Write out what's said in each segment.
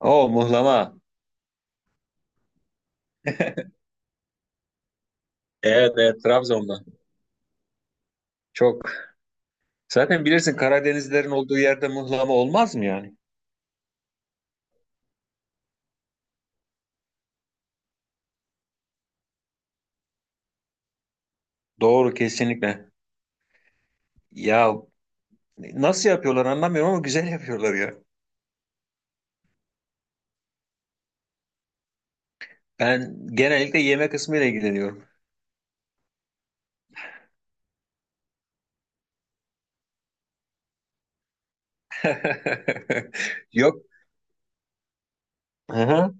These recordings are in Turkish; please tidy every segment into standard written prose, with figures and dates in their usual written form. O muhlama, evet, evet Trabzon'da. Çok. Zaten bilirsin Karadenizlerin olduğu yerde muhlama olmaz mı yani? Doğru, kesinlikle. Ya nasıl yapıyorlar anlamıyorum ama güzel yapıyorlar ya. Ben genellikle yeme kısmıyla ilgileniyorum. Yok. Aha,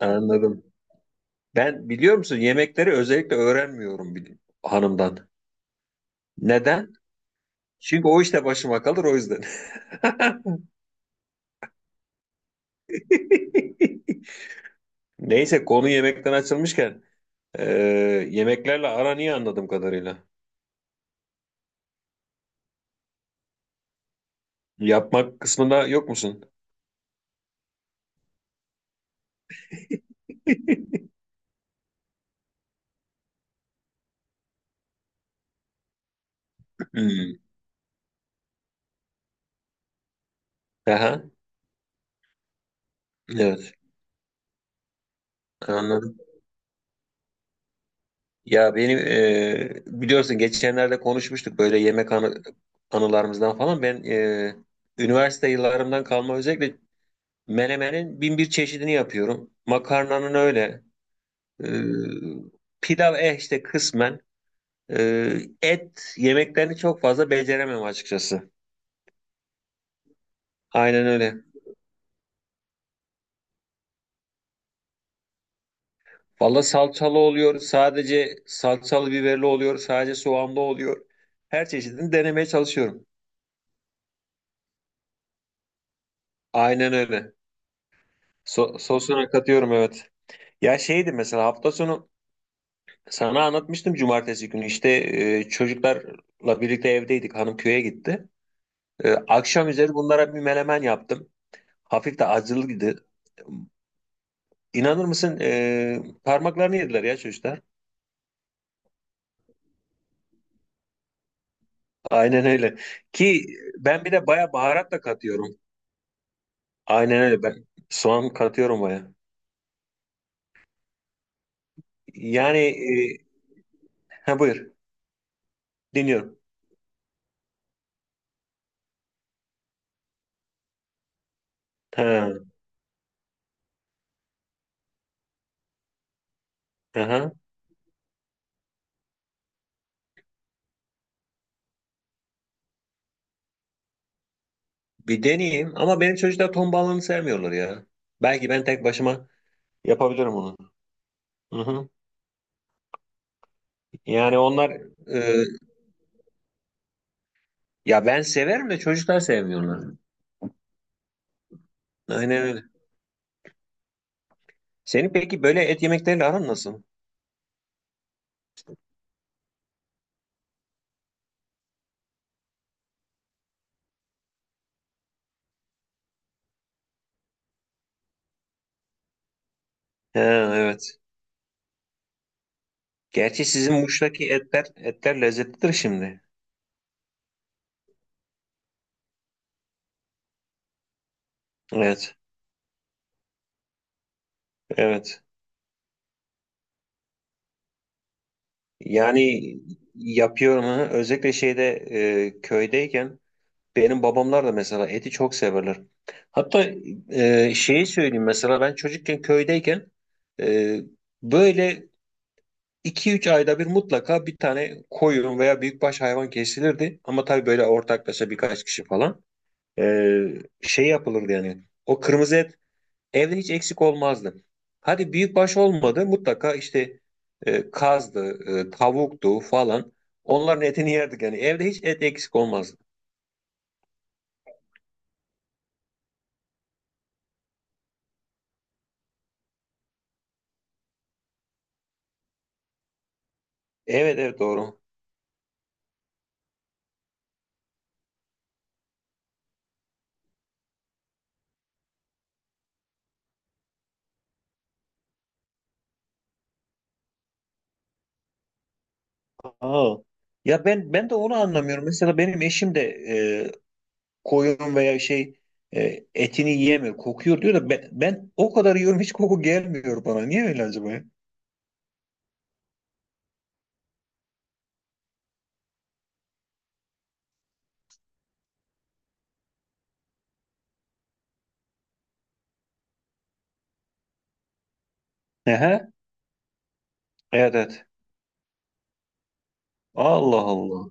anladım. Ben biliyor musun yemekleri özellikle öğrenmiyorum bir hanımdan. Neden? Çünkü o işte başıma kalır, o yüzden. Neyse, konu yemekten açılmışken Ee, yemeklerle aran iyi anladığım kadarıyla. Yapmak kısmında yok musun? Hmm. Aha, evet. Anladım. Ya benim biliyorsun geçenlerde konuşmuştuk böyle yemek anılarımızdan falan. Ben üniversite yıllarımdan kalma özellikle menemenin bin bir çeşidini yapıyorum. Makarnanın öyle. E, Pilav eh işte kısmen. Et yemeklerini çok fazla beceremem açıkçası. Aynen öyle. Valla salçalı oluyor, sadece salçalı biberli oluyor, sadece soğanlı oluyor. Her çeşidini denemeye çalışıyorum. Aynen öyle. So sosuna katıyorum, evet. Ya şeydi mesela hafta sonu sana anlatmıştım cumartesi günü işte çocuklarla birlikte evdeydik. Hanım köye gitti. Akşam üzeri bunlara bir menemen yaptım. Hafif de acılıydı. İnanır mısın, parmaklarını yediler ya çocuklar. Aynen öyle. Ki ben bir de baya baharat da katıyorum. Aynen öyle. Ben soğan katıyorum baya. Yani e, ha buyur. Dinliyorum. Ha, aha. Bir deneyeyim ama benim çocuklar ton balığını sevmiyorlar ya. Belki ben tek başıma yapabilirim onu. Hı hı. Yani onlar e, ya ben severim de çocuklar sevmiyorlar. Aynen öyle. Senin peki böyle et yemekleriyle aran nasıl? Ha, evet. Gerçi sizin Muş'taki etler etler lezzetlidir şimdi. Evet. Evet. Yani yapıyorum ha. Özellikle şeyde köydeyken benim babamlar da mesela eti çok severler. Hatta şeyi söyleyeyim mesela ben çocukken köydeyken e, böyle iki üç ayda bir mutlaka bir tane koyun veya büyükbaş hayvan kesilirdi. Ama tabii böyle ortaklaşa birkaç kişi falan E, şey yapılırdı yani. O kırmızı et evde hiç eksik olmazdı. Hadi büyükbaş olmadı mutlaka işte kazdı, tavuktu falan, onların etini yerdik yani evde hiç et eksik olmazdı. Evet, evet, doğru. Aa. Ya ben de onu anlamıyorum. Mesela benim eşim de e, koyun veya şey, etini yiyemiyor. Kokuyor diyor da ben o kadar yiyorum hiç koku gelmiyor bana. Niye öyle acaba ya? Ehe. Evet, evet. Allah Allah.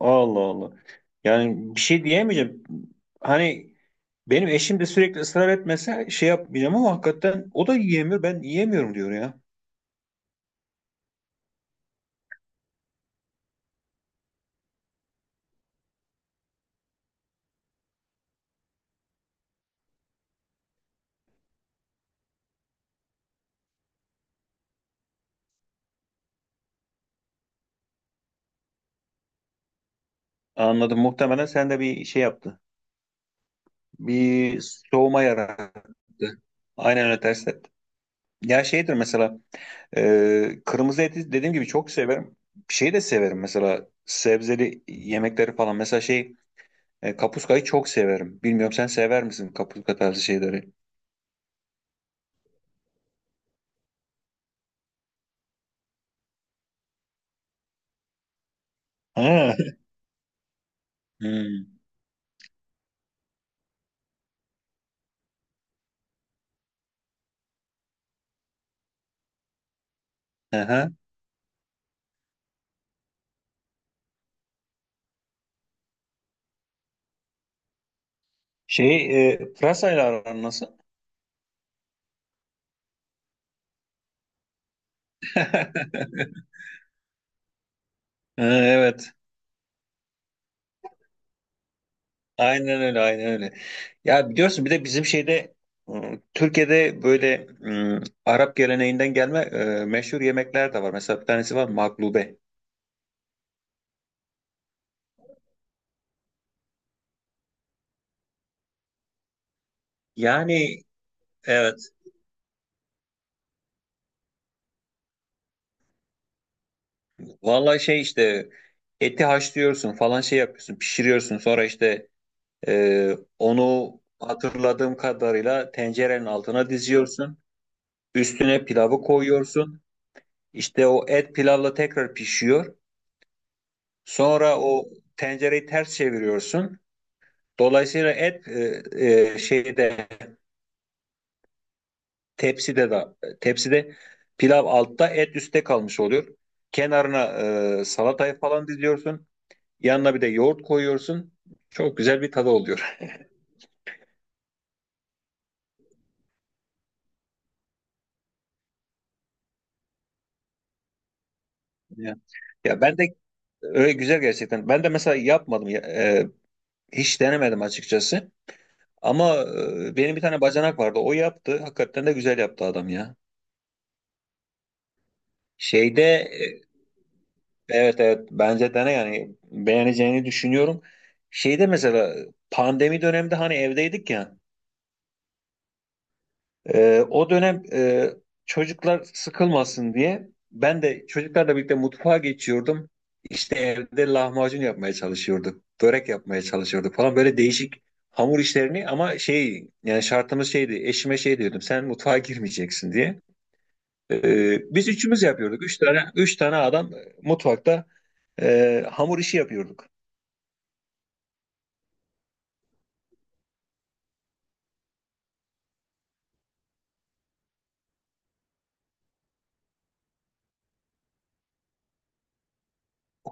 Allah Allah. Yani bir şey diyemeyeceğim. Hani benim eşim de sürekli ısrar etmese şey yapmayacağım ama hakikaten o da yiyemiyor. Ben yiyemiyorum diyor ya. Anladım. Muhtemelen sen de bir şey yaptı. Bir soğuma yarattı. Aynen öyle, ters. Ya şeydir mesela kırmızı eti dediğim gibi çok severim. Şeyi de severim mesela, sebzeli yemekleri falan. Mesela şey, kapuskayı çok severim. Bilmiyorum sen sever misin kapuska tarzı şeyleri? Ha. Hmm. Aha. Şey, pırasayla aran nasıl? Ha, evet. Aynen öyle, aynen öyle. Ya biliyorsun bir de bizim şeyde Türkiye'de böyle e, Arap geleneğinden gelme meşhur yemekler de var. Mesela bir tanesi var, maklube. Yani evet. Vallahi şey işte, eti haşlıyorsun falan şey yapıyorsun pişiriyorsun sonra işte onu hatırladığım kadarıyla tencerenin altına diziyorsun, üstüne pilavı koyuyorsun. İşte o et pilavla tekrar pişiyor, sonra o tencereyi ters çeviriyorsun, dolayısıyla et şeyde, tepside, tepside pilav altta et üstte kalmış oluyor. Kenarına salatayı falan diziyorsun. Yanına bir de yoğurt koyuyorsun. Çok güzel bir tadı oluyor. Ya, ya ben de öyle, güzel gerçekten. Ben de mesela yapmadım. Hiç denemedim açıkçası. Ama benim bir tane bacanak vardı. O yaptı. Hakikaten de güzel yaptı adam ya. Şeyde e, evet, evet, bence dene, yani beğeneceğini düşünüyorum. Şeyde mesela pandemi döneminde hani evdeydik ya. O dönem çocuklar sıkılmasın diye ben de çocuklarla birlikte mutfağa geçiyordum. İşte evde lahmacun yapmaya çalışıyorduk, börek yapmaya çalışıyorduk falan, böyle değişik hamur işlerini, ama şey yani şartımız şeydi, eşime şey diyordum, sen mutfağa girmeyeceksin diye. Biz üçümüz yapıyorduk. Üç tane adam mutfakta hamur işi yapıyorduk.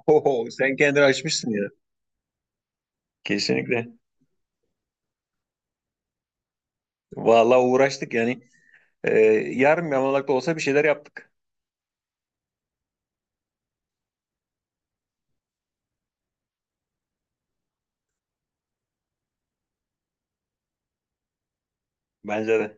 Oho, sen kendini açmışsın ya. Kesinlikle. Vallahi uğraştık yani. Ee, Yarım yamalak da olsa bir şeyler yaptık. Bence de.